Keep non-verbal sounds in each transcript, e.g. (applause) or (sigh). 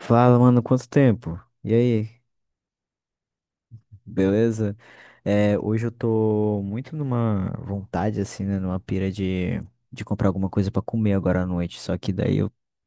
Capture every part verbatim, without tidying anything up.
Fala, mano, quanto tempo? E aí, beleza? É, hoje eu tô muito numa vontade, assim, né? Numa pira de, de comprar alguma coisa pra comer agora à noite. Só que daí eu,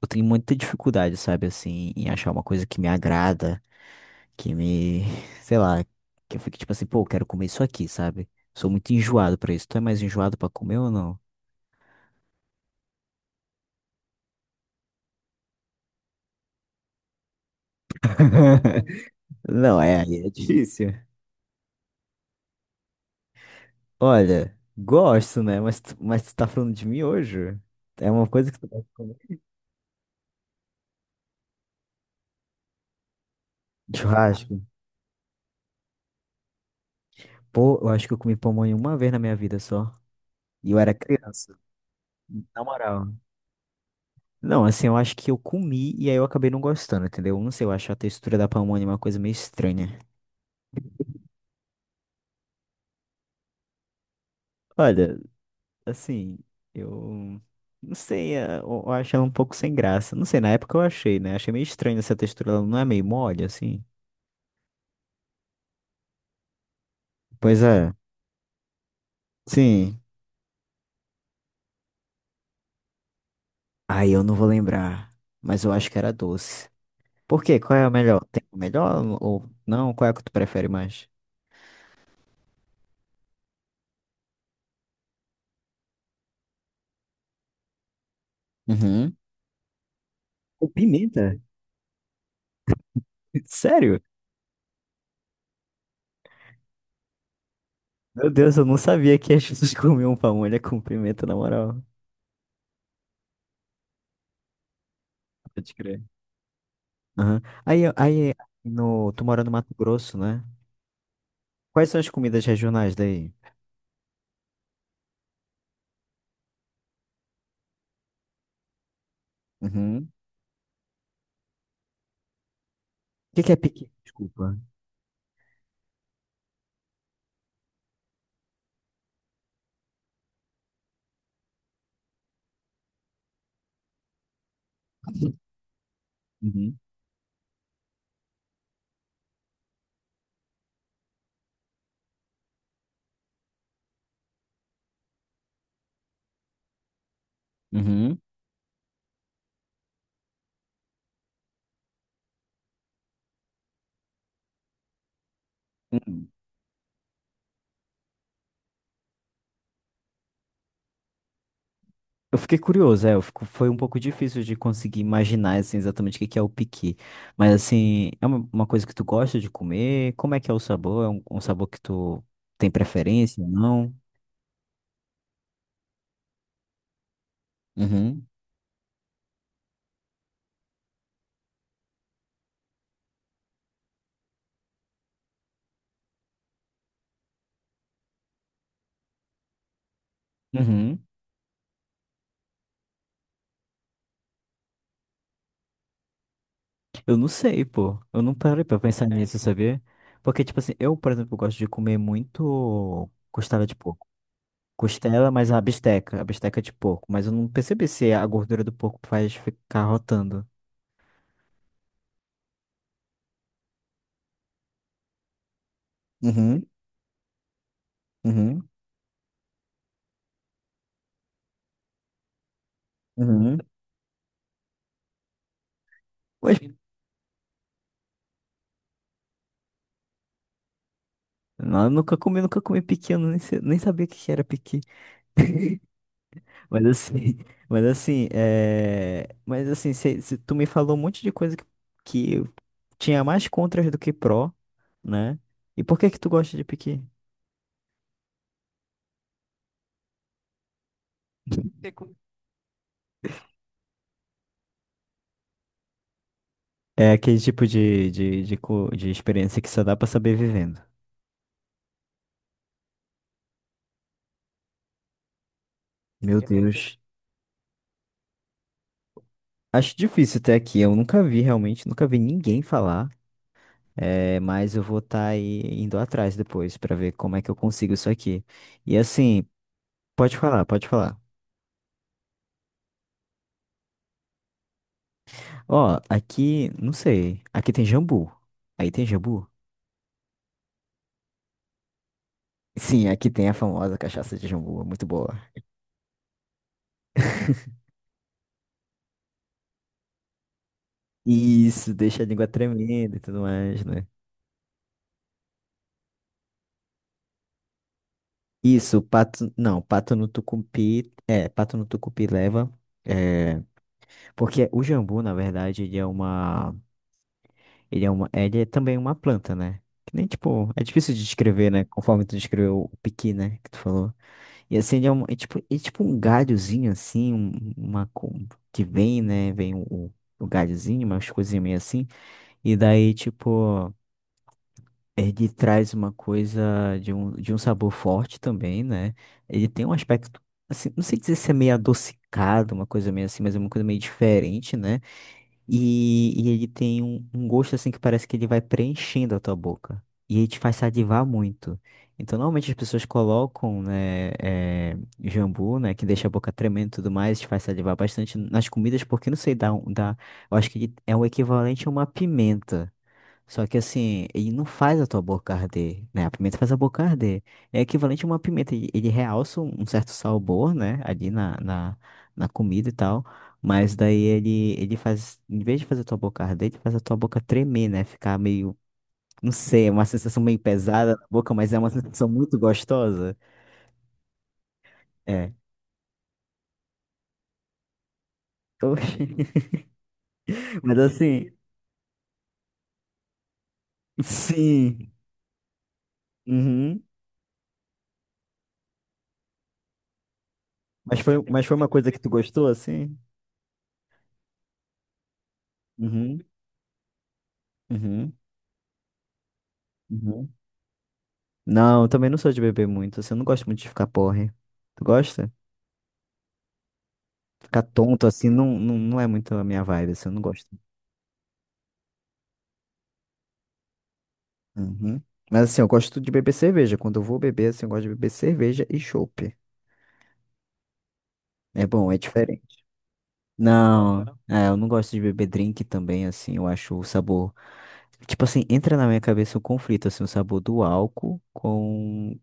eu tenho muita dificuldade, sabe, assim, em achar uma coisa que me agrada, que me, (laughs) sei lá, que eu fique tipo assim, pô, eu quero comer isso aqui, sabe? Sou muito enjoado pra isso. Tu é mais enjoado pra comer ou não? (laughs) Não, é, aí é difícil. Olha, gosto, né? Mas, tu- mas tu tá falando de miojo? É uma coisa que tu gosta de comer? Churrasco. Pô, eu acho que eu comi pamonha uma vez na minha vida só. E eu era criança, na moral. Não, assim, eu acho que eu comi e aí eu acabei não gostando, entendeu? Não sei, eu acho a textura da pamonha uma coisa meio estranha. Olha, assim, eu não sei, eh, eu, eu acho ela um pouco sem graça. Não sei, na época eu achei, né? Achei meio estranho essa textura, ela não é meio mole, assim. Pois é, sim. Ai, eu não vou lembrar, mas eu acho que era doce. Por quê? Qual é o melhor? Tem o melhor ou não? Qual é que tu prefere mais? Uhum. Com pimenta? (laughs) Sério? Meu Deus, eu não sabia que as pessoas comiam pamonha com pimenta, na moral. Pode crer. Aham. Aí, aí no, Tu mora no Mato Grosso, né? Quais são as comidas regionais daí? Uhum. O que que é piqui? Desculpa. Uhum. Uhum. Hum. Eu fiquei curioso, é, eu fico, foi um pouco difícil de conseguir imaginar, assim, exatamente o que que é o piqui. Mas, assim, é uma, uma coisa que tu gosta de comer? Como é que é o sabor? É um, um sabor que tu tem preferência, não? Uhum. Uhum. Eu não sei, pô. Eu não parei pra pensar nisso, sabia? Porque, tipo assim, eu, por exemplo, gosto de comer muito costela de porco. Costela, mas a bisteca, a bisteca de porco. Mas eu não percebi se a gordura do porco faz ficar rotando. Uhum, uhum, uhum. Pois, não, eu nunca comi, nunca comi piqui, eu nem, sei- nem sabia o que que era piqui. Mas assim, (laughs) mas assim, é... Mas assim, cê- cê- tu me falou um monte de coisa que, que eu tinha mais contras do que pró, né? E por que que tu gosta de piqui? (laughs) É aquele tipo de, de, de, co- de experiência que só dá pra saber vivendo. Meu Deus. Acho difícil até aqui, eu nunca vi realmente, nunca vi ninguém falar. É, mas eu vou estar aí indo atrás depois pra ver como é que eu consigo isso aqui. E assim. Pode falar, pode falar. Ó, aqui, não sei. Aqui tem jambu. Aí tem jambu? Sim, aqui tem a famosa cachaça de jambu, é muito boa. (laughs) Isso, deixa a língua tremenda e tudo mais, né? Isso, pato. Não, pato no tucupi. É, pato no tucupi leva. É, porque o jambu, na verdade, ele é uma. Ele é uma. Ele é também uma planta, né? Que nem, tipo, é difícil de descrever, né? Conforme tu descreveu o piqui, né? Que tu falou. E assim, ele é, um, é tipo, é tipo um galhozinho, assim, um- uma co- que vem, né? Vem o, o galhozinho, umas coisinhas meio assim. E daí, tipo, ele traz uma coisa de um, de um sabor forte também, né? Ele tem um aspecto, assim, não sei dizer se é meio adocicado, uma coisa meio assim, mas é uma coisa meio diferente, né? E, e ele tem um, um gosto assim que parece que ele vai preenchendo a tua boca. E ele te faz salivar muito. Então, normalmente as pessoas colocam, né, eh, jambu, né, que deixa a boca tremendo e tudo mais, te faz salivar bastante nas comidas, porque não sei, dá, um- dá, eu acho que ele é o equivalente a uma pimenta. Só que assim, ele não faz a tua boca arder, né? A pimenta faz a boca arder. É equivalente a uma pimenta. Ele ele realça um um certo sabor, né? Ali na, na, na comida e tal. Mas daí ele, ele faz, em vez de fazer a tua boca arder, ele faz a tua boca tremer, né? Ficar meio, não sei, é uma sensação meio pesada na boca, mas é uma sensação muito gostosa. É. Oxi. (laughs) Mas assim, sim. Uhum. Mas foi, mas foi uma coisa que tu gostou, assim? Uhum. Uhum. Uhum. Não, eu também não sou de beber muito, assim, eu não gosto muito de ficar porre. Tu gosta? Ficar tonto, assim, não, não, não é muito a minha vibe, assim, eu não gosto. Uhum. Mas assim, eu gosto de beber cerveja. Quando eu vou beber, assim, eu gosto de beber cerveja e chopp. É bom, é diferente. Não, é, eu não gosto de beber drink também, assim, eu acho o sabor. Tipo assim, entra na minha cabeça um conflito, assim, o sabor do álcool com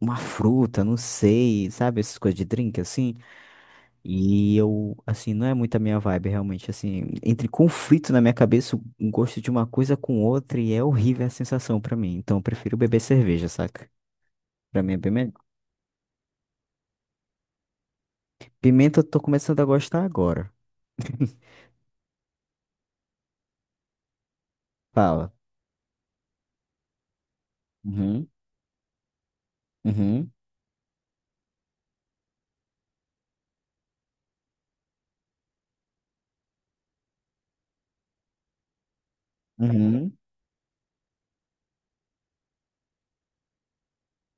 uma fruta, não sei, sabe, essas coisas de drink, assim. E eu, assim, não é muito a minha vibe, realmente. Assim, entre conflito na minha cabeça, o gosto de uma coisa com outra, e é horrível a sensação pra mim. Então, eu prefiro beber cerveja, saca? Pra mim é bem melhor. Pimenta, eu tô começando a gostar agora. (laughs) Fala. Uhum, uhum, uhum.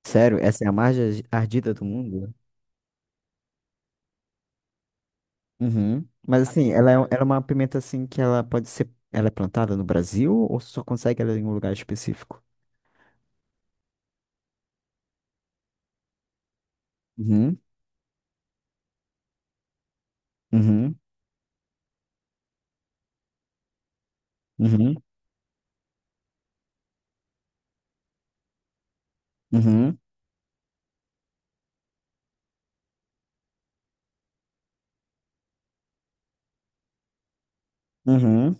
Sério, essa é a mais ar- ardida do mundo? Uhum. Mas, assim, ela é, um, ela é uma pimenta, assim, que ela pode ser. Ela é plantada no Brasil ou só consegue ela em um lugar específico? Uhum, uhum, uhum, uhum, uhum,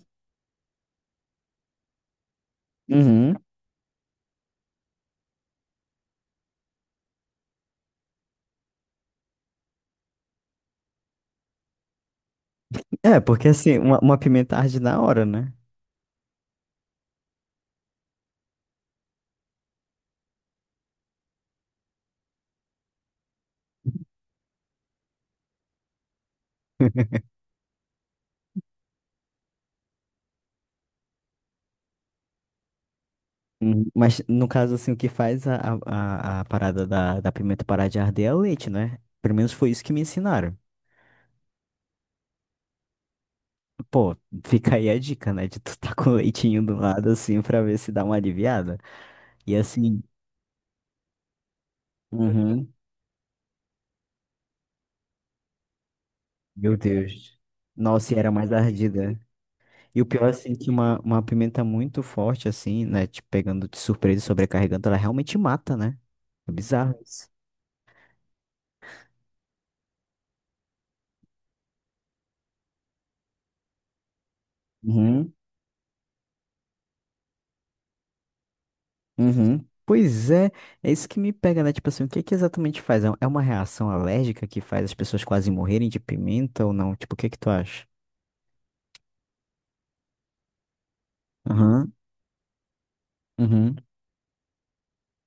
uhum. É, porque assim, uma, uma pimenta arde na hora, né? (laughs) Uhum. Mas no caso, assim, o que faz a, a, a a parada da, da pimenta parar de arder é o leite, né? Pelo menos foi isso que me ensinaram. Pô, fica aí a dica, né? De tu tá (laughs) com o leitinho do lado, assim, pra ver se dá uma aliviada. E assim, uhum, meu Deus. Nossa, e era mais ardida. E o pior, assim, que uma, uma pimenta muito forte, assim, né? Te pegando de surpresa e sobrecarregando, ela realmente mata, né? É bizarro isso. Uhum. Uhum. Pois é, é isso que me pega, né? Tipo assim, o que que exatamente faz? É é uma reação alérgica que faz as pessoas quase morrerem de pimenta ou não? Tipo, o que que tu acha? Aham. Uhum.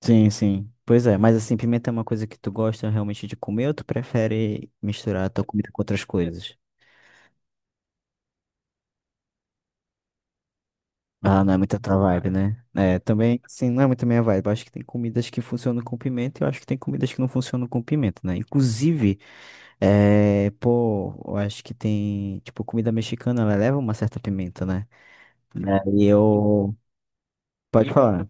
Sim, sim. Pois é, mas assim, pimenta é uma coisa que tu gosta realmente de comer ou tu prefere misturar a tua comida com outras coisas? Ah, não é muito a tua vibe, né? É, também, assim, não é muito a minha vibe. Eu acho que tem comidas que funcionam com pimenta e eu acho que tem comidas que não funcionam com pimenta, né? Inclusive, é, pô, eu acho que tem, tipo, comida mexicana, ela leva uma certa pimenta, né? Daí eu... Pode falar.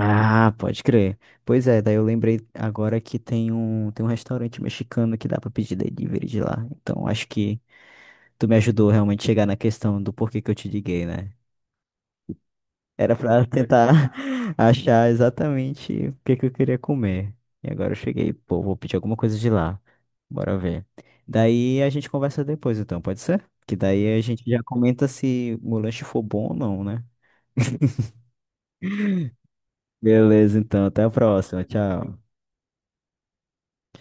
Ah, pode crer. Pois é, daí eu lembrei agora que tem um, tem um restaurante mexicano que dá pra pedir delivery de lá. Então, acho que tu me ajudou realmente a chegar na questão do porquê que eu te liguei, né? Era pra tentar (laughs) achar exatamente o que que eu queria comer. E agora eu cheguei, pô, vou pedir alguma coisa de lá. Bora ver. Daí a gente conversa depois, então, pode ser? Que daí a gente já comenta se o lanche for bom ou não, né? (laughs) Beleza, então, até a próxima. Tchau.